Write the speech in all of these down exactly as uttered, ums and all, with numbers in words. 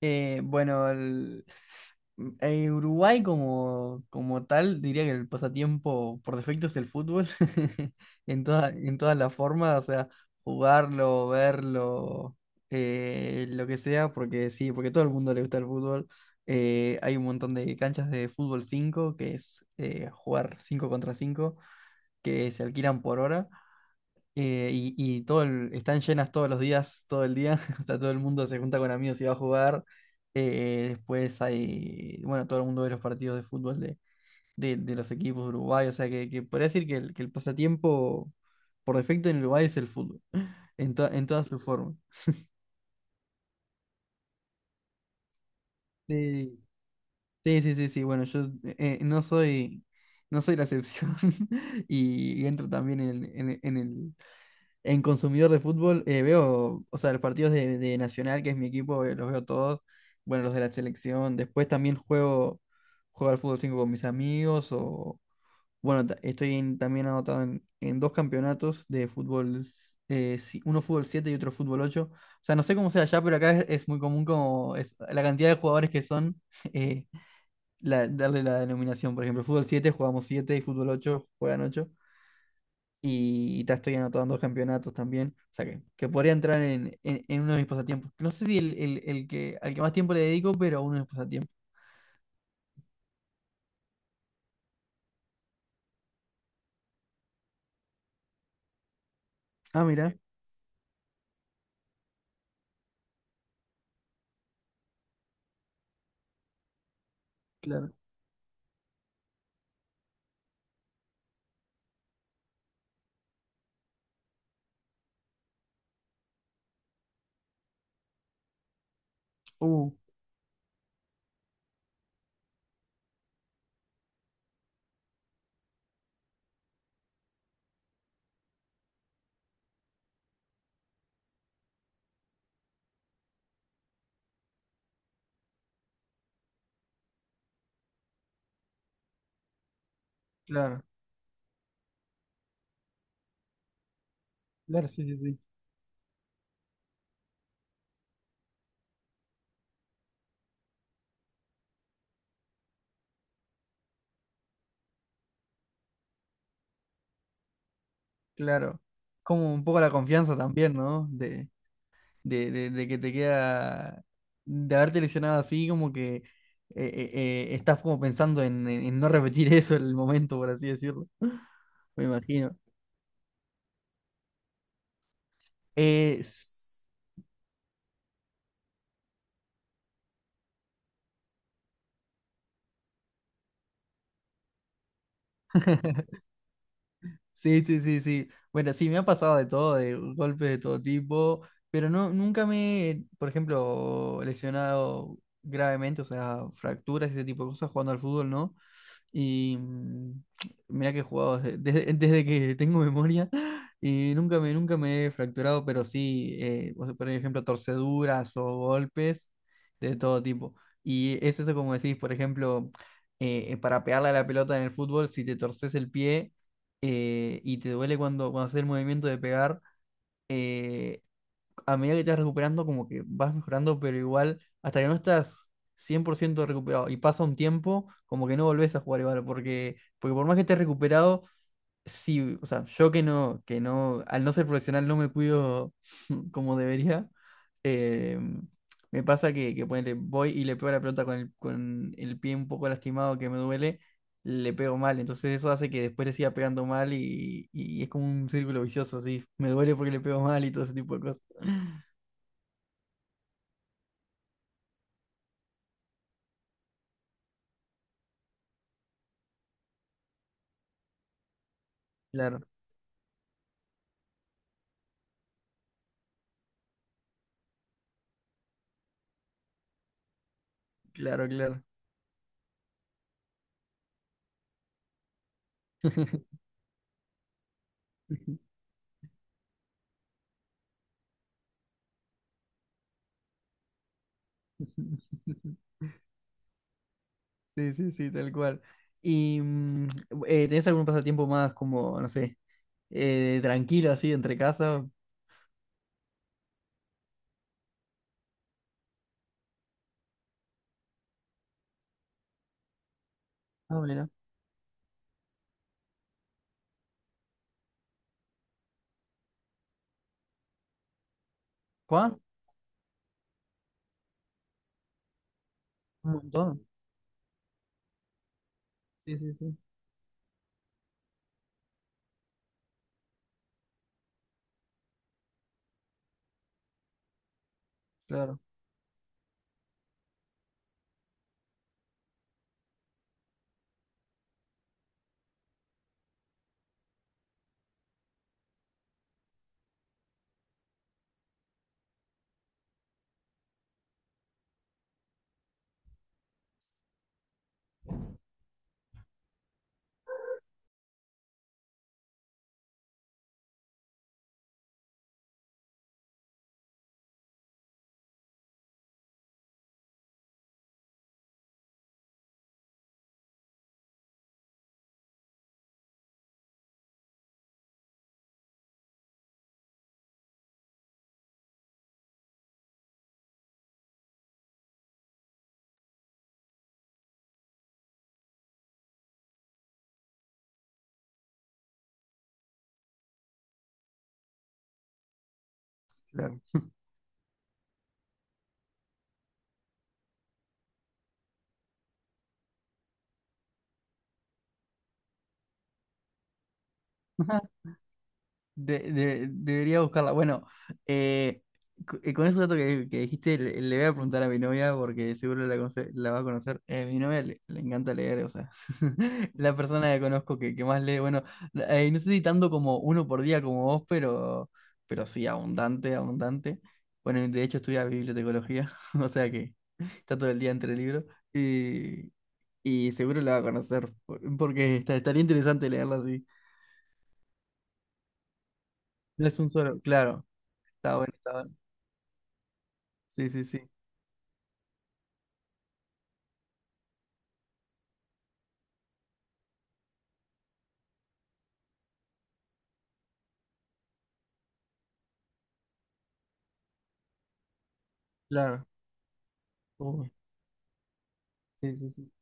Eh, bueno, el, en Uruguay como, como tal, diría que el pasatiempo por defecto es el fútbol, en toda, en todas las formas, o sea, jugarlo, verlo, eh, lo que sea, porque sí, porque a todo el mundo le gusta el fútbol. Eh, hay un montón de canchas de fútbol cinco que es eh, jugar cinco contra cinco que se alquilan por hora. Eh, y, y todo el- están llenas todos los días, todo el día. O sea, todo el mundo se junta con amigos y va a jugar. Eh, después hay, bueno, todo el mundo ve los partidos de fútbol de, de- de los equipos de Uruguay. O sea, que, que podría decir que el, que el pasatiempo por defecto en Uruguay es el fútbol, en, to- en todas sus formas. Sí, sí, sí, sí, sí, bueno, yo eh, no soy, no soy la excepción, y, y entro también en el, en el- en el- en consumidor de fútbol. Eh, veo, o sea, los partidos de, de Nacional, que es mi equipo, eh, los veo todos. Bueno, los de la selección. Después también juego, juego al fútbol cinco con mis amigos. O, bueno, ta- estoy en- también anotado en, en dos campeonatos de fútbol, s- eh, si- uno fútbol siete y otro fútbol ocho. O sea, no sé cómo sea allá, pero acá es, es muy común como es, la cantidad de jugadores que son, eh, la- darle la denominación. Por ejemplo, fútbol siete jugamos siete y fútbol ocho juegan ocho, y ya estoy anotando campeonatos también. O sea que, que podría entrar en, en- en uno de mis pasatiempos. No sé si el, el- el que, al que más tiempo le dedico, pero uno de mis pasatiempos. Ah, mira, claro. Uh, claro, claro, sí, sí, sí. Claro. Como un poco la confianza también, ¿no? De, de, de- de que te queda, de haberte lesionado así, como que eh, eh, eh, estás como pensando en, en- en no repetir eso en el momento, por así decirlo. Me imagino. Eh, s- Sí, sí, sí, sí. Bueno, sí, me ha pasado de todo, de golpes de todo tipo, pero no, nunca me he, por ejemplo, lesionado gravemente, o sea, fracturas y ese tipo de cosas jugando al fútbol, ¿no? Y mm, mirá que he jugado desde, desde- desde que tengo memoria y nunca me, nunca me he fracturado, pero sí, eh, o sea, por ejemplo, torceduras o golpes de todo tipo. Y es eso como decís, por ejemplo, eh, para pegarle a la pelota en el fútbol, si te torces el pie eh, y te duele cuando, cuando haces el movimiento de pegar, a medida que te vas recuperando, como que vas mejorando, pero igual, hasta que no estás cien por ciento recuperado y pasa un tiempo, como que no volvés a jugar igual, porque, porque por más que estés recuperado, sí, o sea, yo que no, que no, al no ser profesional no me cuido como debería, eh, me pasa que, que ponele, voy y le pego la pelota con el, con el pie un poco lastimado que me duele. Le pego mal, entonces eso hace que después le siga pegando mal y, y es como un círculo vicioso, así. Me duele porque le pego mal y todo ese tipo de cosas. Claro, claro, claro. Sí, sí, sí, tal cual. ¿Y mm, eh, tenés algún pasatiempo más como, no sé, eh, tranquilo así entre casa? Ah, mira. ¿Cuá? Un montón. Sí, sí, sí. Claro, claro. De- de- debería buscarla. Bueno, eh, co- eh, con ese dato que, que dijiste, le, le voy a preguntar a mi novia porque seguro la, conoce- la va a conocer. Eh, mi novia le, le encanta leer, o sea, la persona que conozco que, que más lee. Bueno, eh, no sé si tanto como uno por día como vos, pero, pero sí, abundante, abundante. Bueno, de hecho estudia bibliotecología, o sea que está todo el día entre libros y, y seguro la va a conocer por- porque está, estaría interesante leerla así. No es un solo, claro, está bueno, está bueno. Sí, sí, sí, claro. Uy, sí, sí, sí.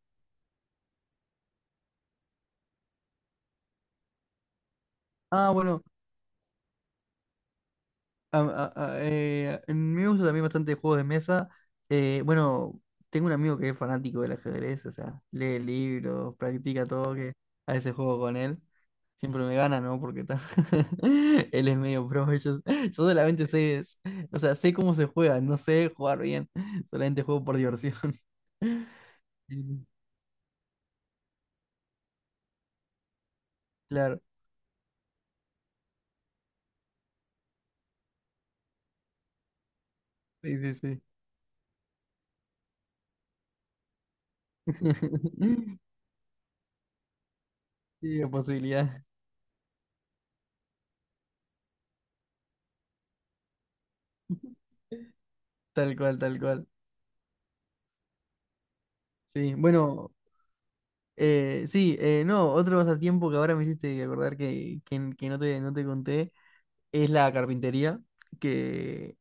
Ah, bueno, a, a- a- eh, en mí me gusta también bastante juegos de mesa. Eh, bueno, tengo un amigo que es fanático del ajedrez, o sea, lee libros, practica todo, que a veces juego con él. Siempre me gana, ¿no? Porque ta- él es medio pro. Yo, yo solamente sé, es- o sea, sé cómo se juega, no sé jugar bien. Solamente juego por diversión. Sí, claro, sí, sí, sí. Sí, la posibilidad, tal cual, tal cual. Sí, bueno, eh, sí, eh, no, otro pasatiempo que ahora me hiciste acordar que, que, que no te, no te conté es la carpintería, que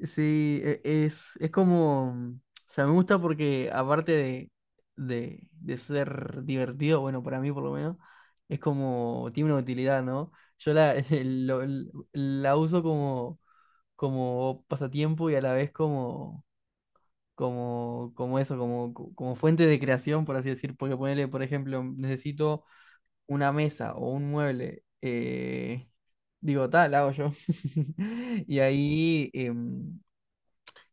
sí, e- es, es como, o sea, me gusta porque aparte de, de, de ser divertido, bueno, para mí por lo menos, es como, tiene una utilidad, ¿no? Yo la, lo- la uso como, como pasatiempo y a la vez como, como, como eso, como, co- como fuente de creación, por así decir, porque ponerle, por ejemplo, necesito una mesa o un mueble, eh, digo, tal, hago yo. Y ahí, em,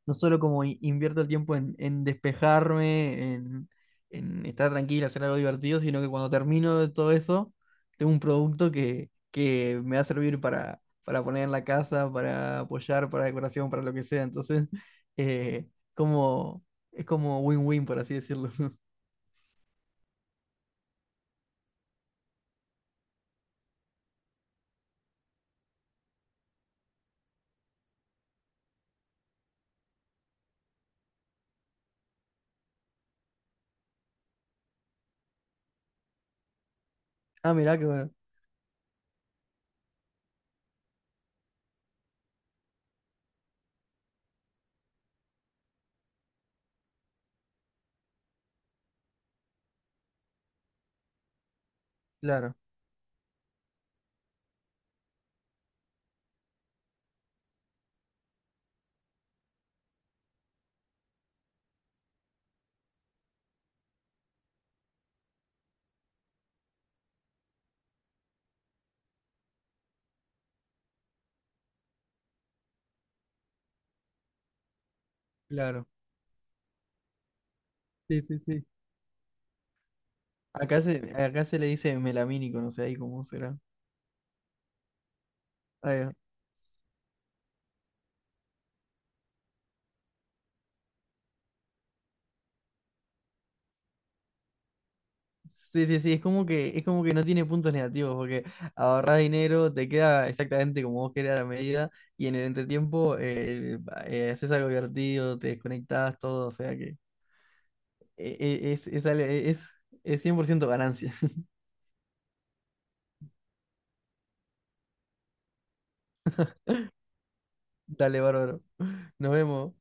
no solo como in- invierto el tiempo en, en despejarme, en, en estar tranquilo, hacer algo divertido, sino que cuando termino de todo eso, tengo un producto que, que me va a servir para, para poner en la casa, para apoyar, para decoración, para lo que sea. Entonces, eh, como, es como win-win, por así decirlo. Ah, mirá que bueno. Claro, claro. Sí, sí, sí. Acá se, acá se le dice melamínico, no sé ahí cómo será. Sí, sí, sí, es como que, es como que no tiene puntos negativos, porque ahorrar dinero, te queda exactamente como vos querés a la medida, y en el entretiempo eh, eh, haces algo divertido, te desconectás, todo, o sea que eh, eh, es, es, ale- es, es cien por ciento ganancia. Dale, bárbaro. Nos vemos.